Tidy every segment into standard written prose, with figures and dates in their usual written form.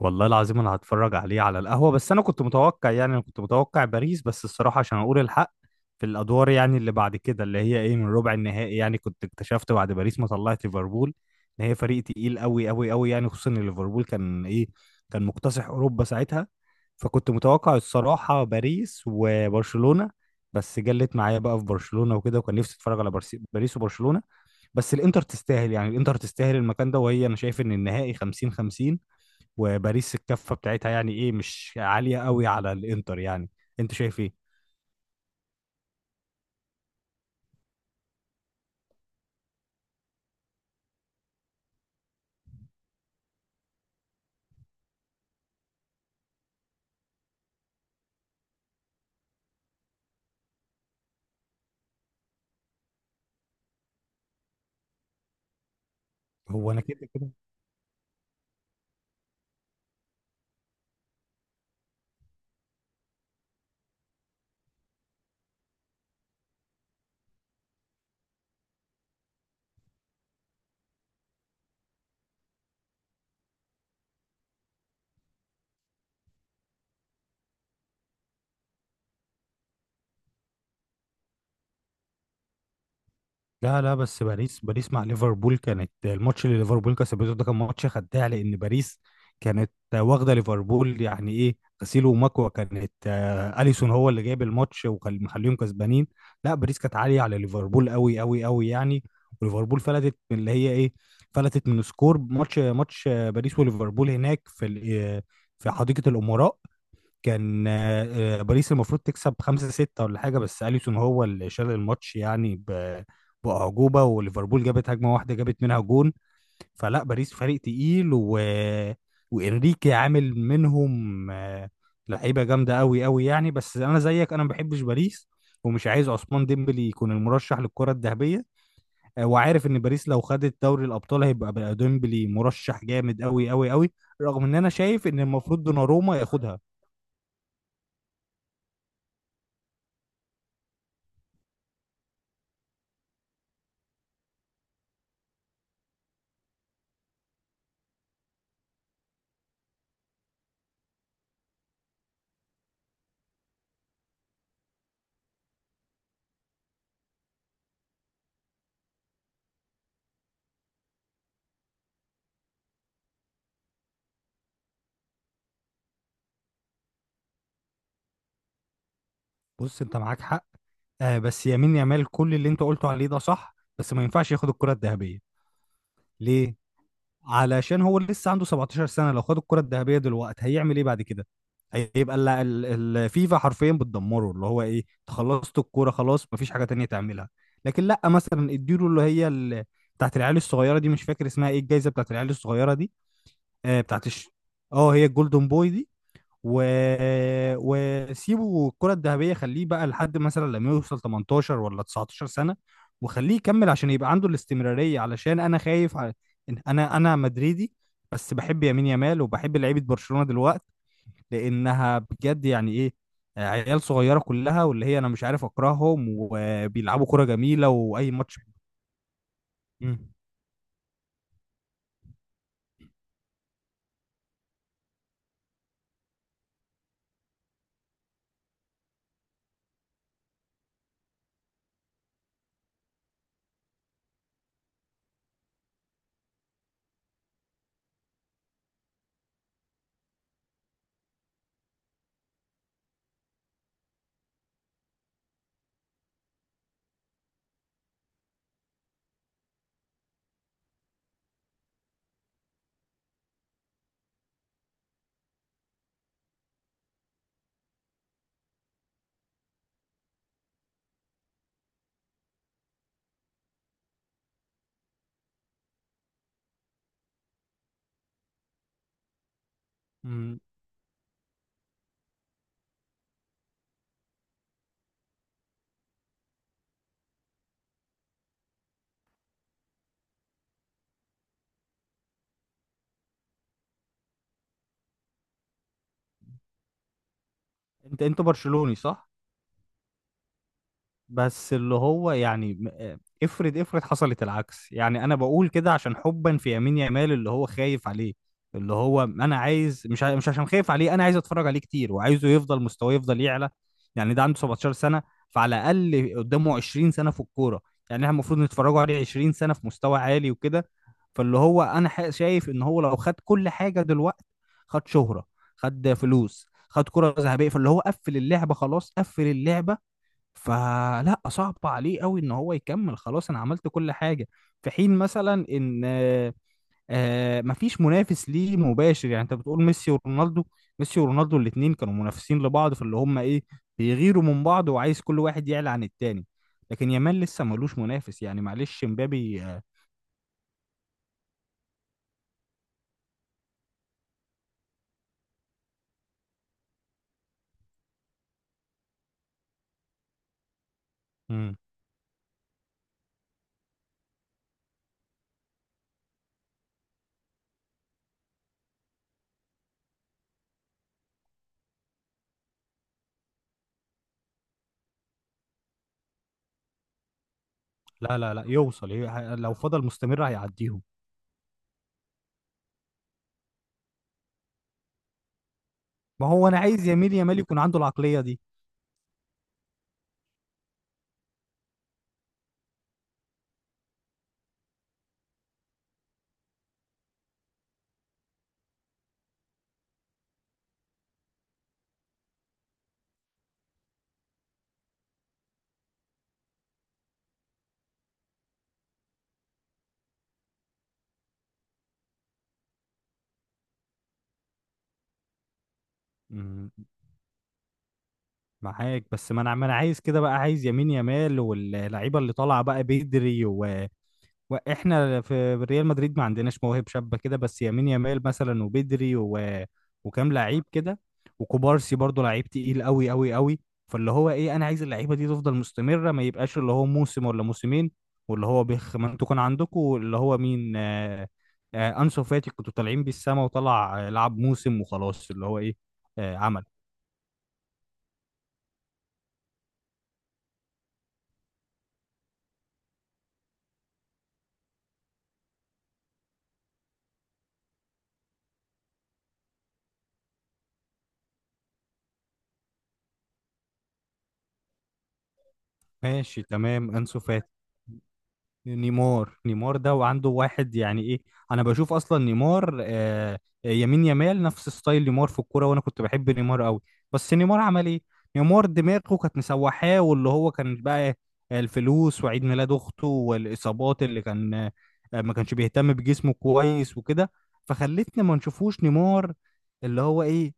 والله العظيم، انا هتفرج عليه على القهوة، بس انا كنت متوقع، يعني انا كنت متوقع باريس، بس الصراحة عشان اقول الحق في الادوار، يعني اللي بعد كده، اللي هي ايه من ربع النهائي، يعني كنت اكتشفت بعد باريس ما طلعت ليفربول ان هي فريق تقيل قوي قوي قوي، يعني خصوصا ان ليفربول كان ايه، كان مكتسح اوروبا ساعتها. فكنت متوقع الصراحة باريس وبرشلونة. بس جلت معايا بقى في برشلونة وكده، وكان نفسي اتفرج على باريس وبرشلونة. بس الانتر تستاهل، يعني الانتر تستاهل المكان ده، وهي انا شايف ان النهائي 50-50، وباريس الكفه بتاعتها يعني ايه مش عاليه قوي على الانتر يعني. انت شايف ايه؟ هو انا كده كده. لا لا، بس باريس باريس مع ليفربول، كانت الماتش اللي ليفربول كسبته ده كان ماتش خداع، لان باريس كانت واخده ليفربول يعني ايه، غسيل ومكوى. كانت اليسون هو اللي جايب الماتش ومخليهم كسبانين. لا، باريس كانت عاليه على ليفربول قوي قوي قوي يعني. وليفربول فلتت من اللي هي ايه، فلتت من سكور ماتش باريس وليفربول هناك، في حديقه الامراء. كان باريس المفروض تكسب خمسة ستة ولا حاجة، بس أليسون هو اللي شال الماتش يعني بأعجوبة. وليفربول جابت هجمة واحدة جابت منها جون. فلا، باريس فريق تقيل و... وإنريكي عامل منهم لعيبة جامدة أوي أوي يعني. بس أنا زيك، أنا ما بحبش باريس، ومش عايز عثمان ديمبلي يكون المرشح للكرة الذهبية. وعارف إن باريس لو خدت دوري الأبطال هيبقى بقى ديمبلي مرشح جامد أوي أوي أوي، رغم إن أنا شايف إن المفروض دوناروما ياخدها. بص، انت معاك حق. آه، بس يمين يامال كل اللي انت قلته عليه ده صح، بس ما ينفعش ياخد الكرة الذهبية. ليه؟ علشان هو لسه عنده 17 سنة. لو خد الكرة الذهبية دلوقتي هيعمل ايه بعد كده؟ هيبقى الفيفا حرفيا بتدمره، اللي هو ايه، انت خلصت الكورة خلاص، مفيش حاجة تانية تعملها. لكن لا، مثلا اديله اللي هي بتاعت العيال الصغيرة دي، مش فاكر اسمها ايه، الجايزة بتاعت العيال الصغيرة دي. بتاعت اه، هي الجولدن بوي دي، و وسيبه الكرة الذهبية، خليه بقى لحد مثلا لما يوصل 18 ولا 19 سنة، وخليه يكمل عشان يبقى عنده الاستمرارية، علشان أنا خايف على إن أنا مدريدي. بس بحب يمين يامال، وبحب لعيبة برشلونة دلوقتي، لأنها بجد يعني إيه، عيال صغيرة كلها، واللي هي أنا مش عارف أكرههم، وبيلعبوا كرة جميلة وأي ماتش. مم. مم. أنت برشلوني صح؟ بس اللي هو يعني افرض حصلت العكس، يعني انا بقول كده عشان حبا في يمين يمال اللي هو خايف عليه. اللي هو انا عايز، مش مش عشان خايف عليه، انا عايز اتفرج عليه كتير، وعايزه يفضل مستواه يفضل يعلى. يعني ده عنده 17 سنة، فعلى الاقل قدامه 20 سنة في الكورة. يعني احنا المفروض نتفرجوا عليه 20 سنة في مستوى عالي وكده. فاللي هو انا شايف ان هو لو خد كل حاجة دلوقتي، خد شهرة، خد فلوس، خد كرة ذهبية، فاللي هو قفل اللعبة، خلاص قفل اللعبة. فلا، صعب عليه قوي ان هو يكمل، خلاص انا عملت كل حاجه. في حين مثلا ان مفيش منافس ليه مباشر، يعني انت بتقول ميسي ورونالدو، ميسي ورونالدو الاثنين كانوا منافسين لبعض في اللي هم ايه، بيغيروا من بعض، وعايز كل واحد يعلى عن التاني. لكن يامال لسه ملوش منافس، يعني معلش مبابي مم، لا لا لا، يوصل، لو فضل مستمر هيعديهم. ما هو انا عايز يميل يامال يكون عنده العقليه دي. مم، معاك، بس ما انا عايز كده بقى، عايز يمين يمال واللعيبه اللي طالعه بقى بدري و واحنا في ريال مدريد ما عندناش مواهب شابه كده، بس يمين يمال مثلا وبدري و وكام لعيب كده، وكوبارسي برضو لعيب تقيل قوي قوي قوي. فاللي هو ايه، انا عايز اللعيبه دي تفضل مستمره، ما يبقاش اللي هو موسم ولا موسمين. واللي هو بيخ، ما انتوا كان عندكم اللي هو مين، انسو فاتي، كنتوا طالعين بيه السما، وطلع لعب موسم وخلاص، اللي هو ايه. عمل ماشي تمام. انسو فاتي، نيمار، نيمار ده، وعنده واحد يعني ايه. انا بشوف اصلا نيمار يمين يمال نفس ستايل نيمار في الكوره، وانا كنت بحب نيمار قوي. بس نيمار عمل ايه؟ نيمار دماغه كانت مسوحاه، واللي هو كان بقى الفلوس وعيد ميلاد اخته والاصابات اللي كان. ما كانش بيهتم بجسمه كويس وكده. فخلتنا ما نشوفوش نيمار، اللي هو ايه،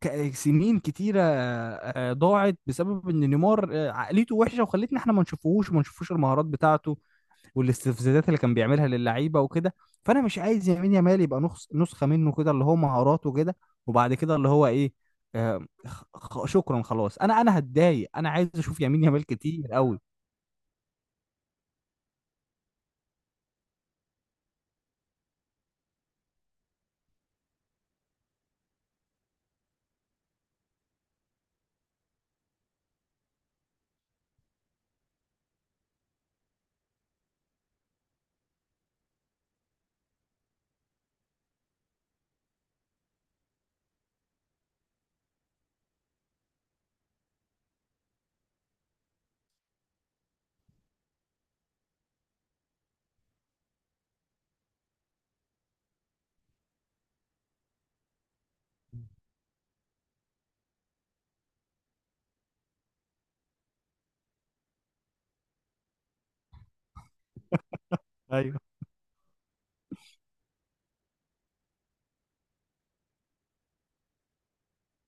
سنين كتيرة ضاعت بسبب ان نيمار عقليته وحشة، وخلتنا احنا ما نشوفوش، وما نشوفوش المهارات بتاعته، والاستفزازات اللي كان بيعملها للعيبة وكده. فانا مش عايز يمين يامال يبقى نسخة منه كده، اللي هو مهاراته كده، وبعد كده اللي هو ايه، شكرا خلاص، انا هتضايق، انا عايز اشوف يمين يامال كتير قوي. ايوه.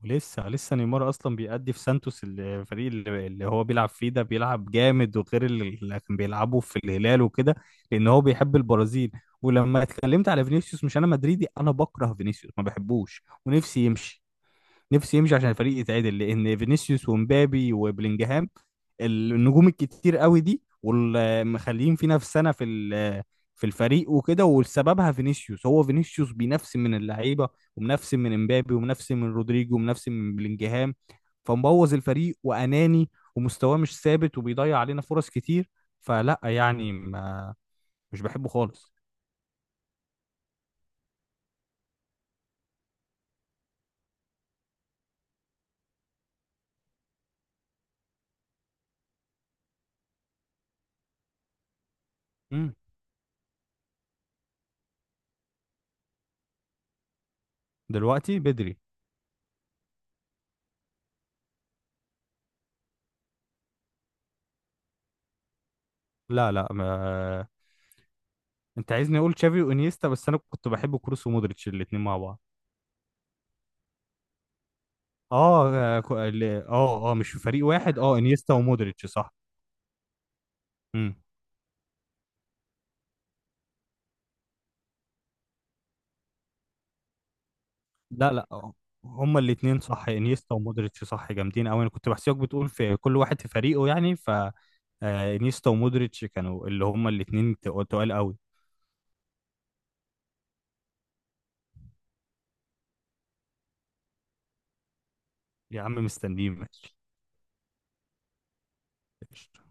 ولسه لسه نيمار اصلا بيأدي في سانتوس، الفريق اللي هو بيلعب فيه ده، بيلعب جامد وغير اللي كان بيلعبه في الهلال وكده، لان هو بيحب البرازيل. ولما اتكلمت على فينيسيوس، مش انا مدريدي، انا بكره فينيسيوس ما بحبوش، ونفسي يمشي، نفسي يمشي عشان الفريق يتعدل، لان فينيسيوس ومبابي وبلينجهام النجوم الكتير قوي دي، والمخليين في نفس سنه في الفريق وكده، وسببها فينيسيوس، هو فينيسيوس بينفسن من اللعيبه، ومنفسن من امبابي، ومنفسن من رودريجو، ومنفسن من بلينجهام. فمبوظ الفريق واناني، ومستواه مش ثابت، وبيضيع علينا فرص كتير. فلا يعني، ما مش بحبه خالص. مم. دلوقتي بدري. لا لا، ما انت عايزني اقول تشافي وانيستا، بس انا كنت بحب كروس ومودريتش الاتنين مع بعض. مش في فريق واحد، اه انيستا ومودريتش صح. امم لا لا، هما الاثنين صح، انيستا ومودريتش صح، جامدين قوي، انا كنت بحسيبك بتقول في كل واحد في فريقه يعني ف انيستا ومودريتش كانوا، اللي هما الاثنين تقال قوي. يا عم مستنيين ماشي. قشطة.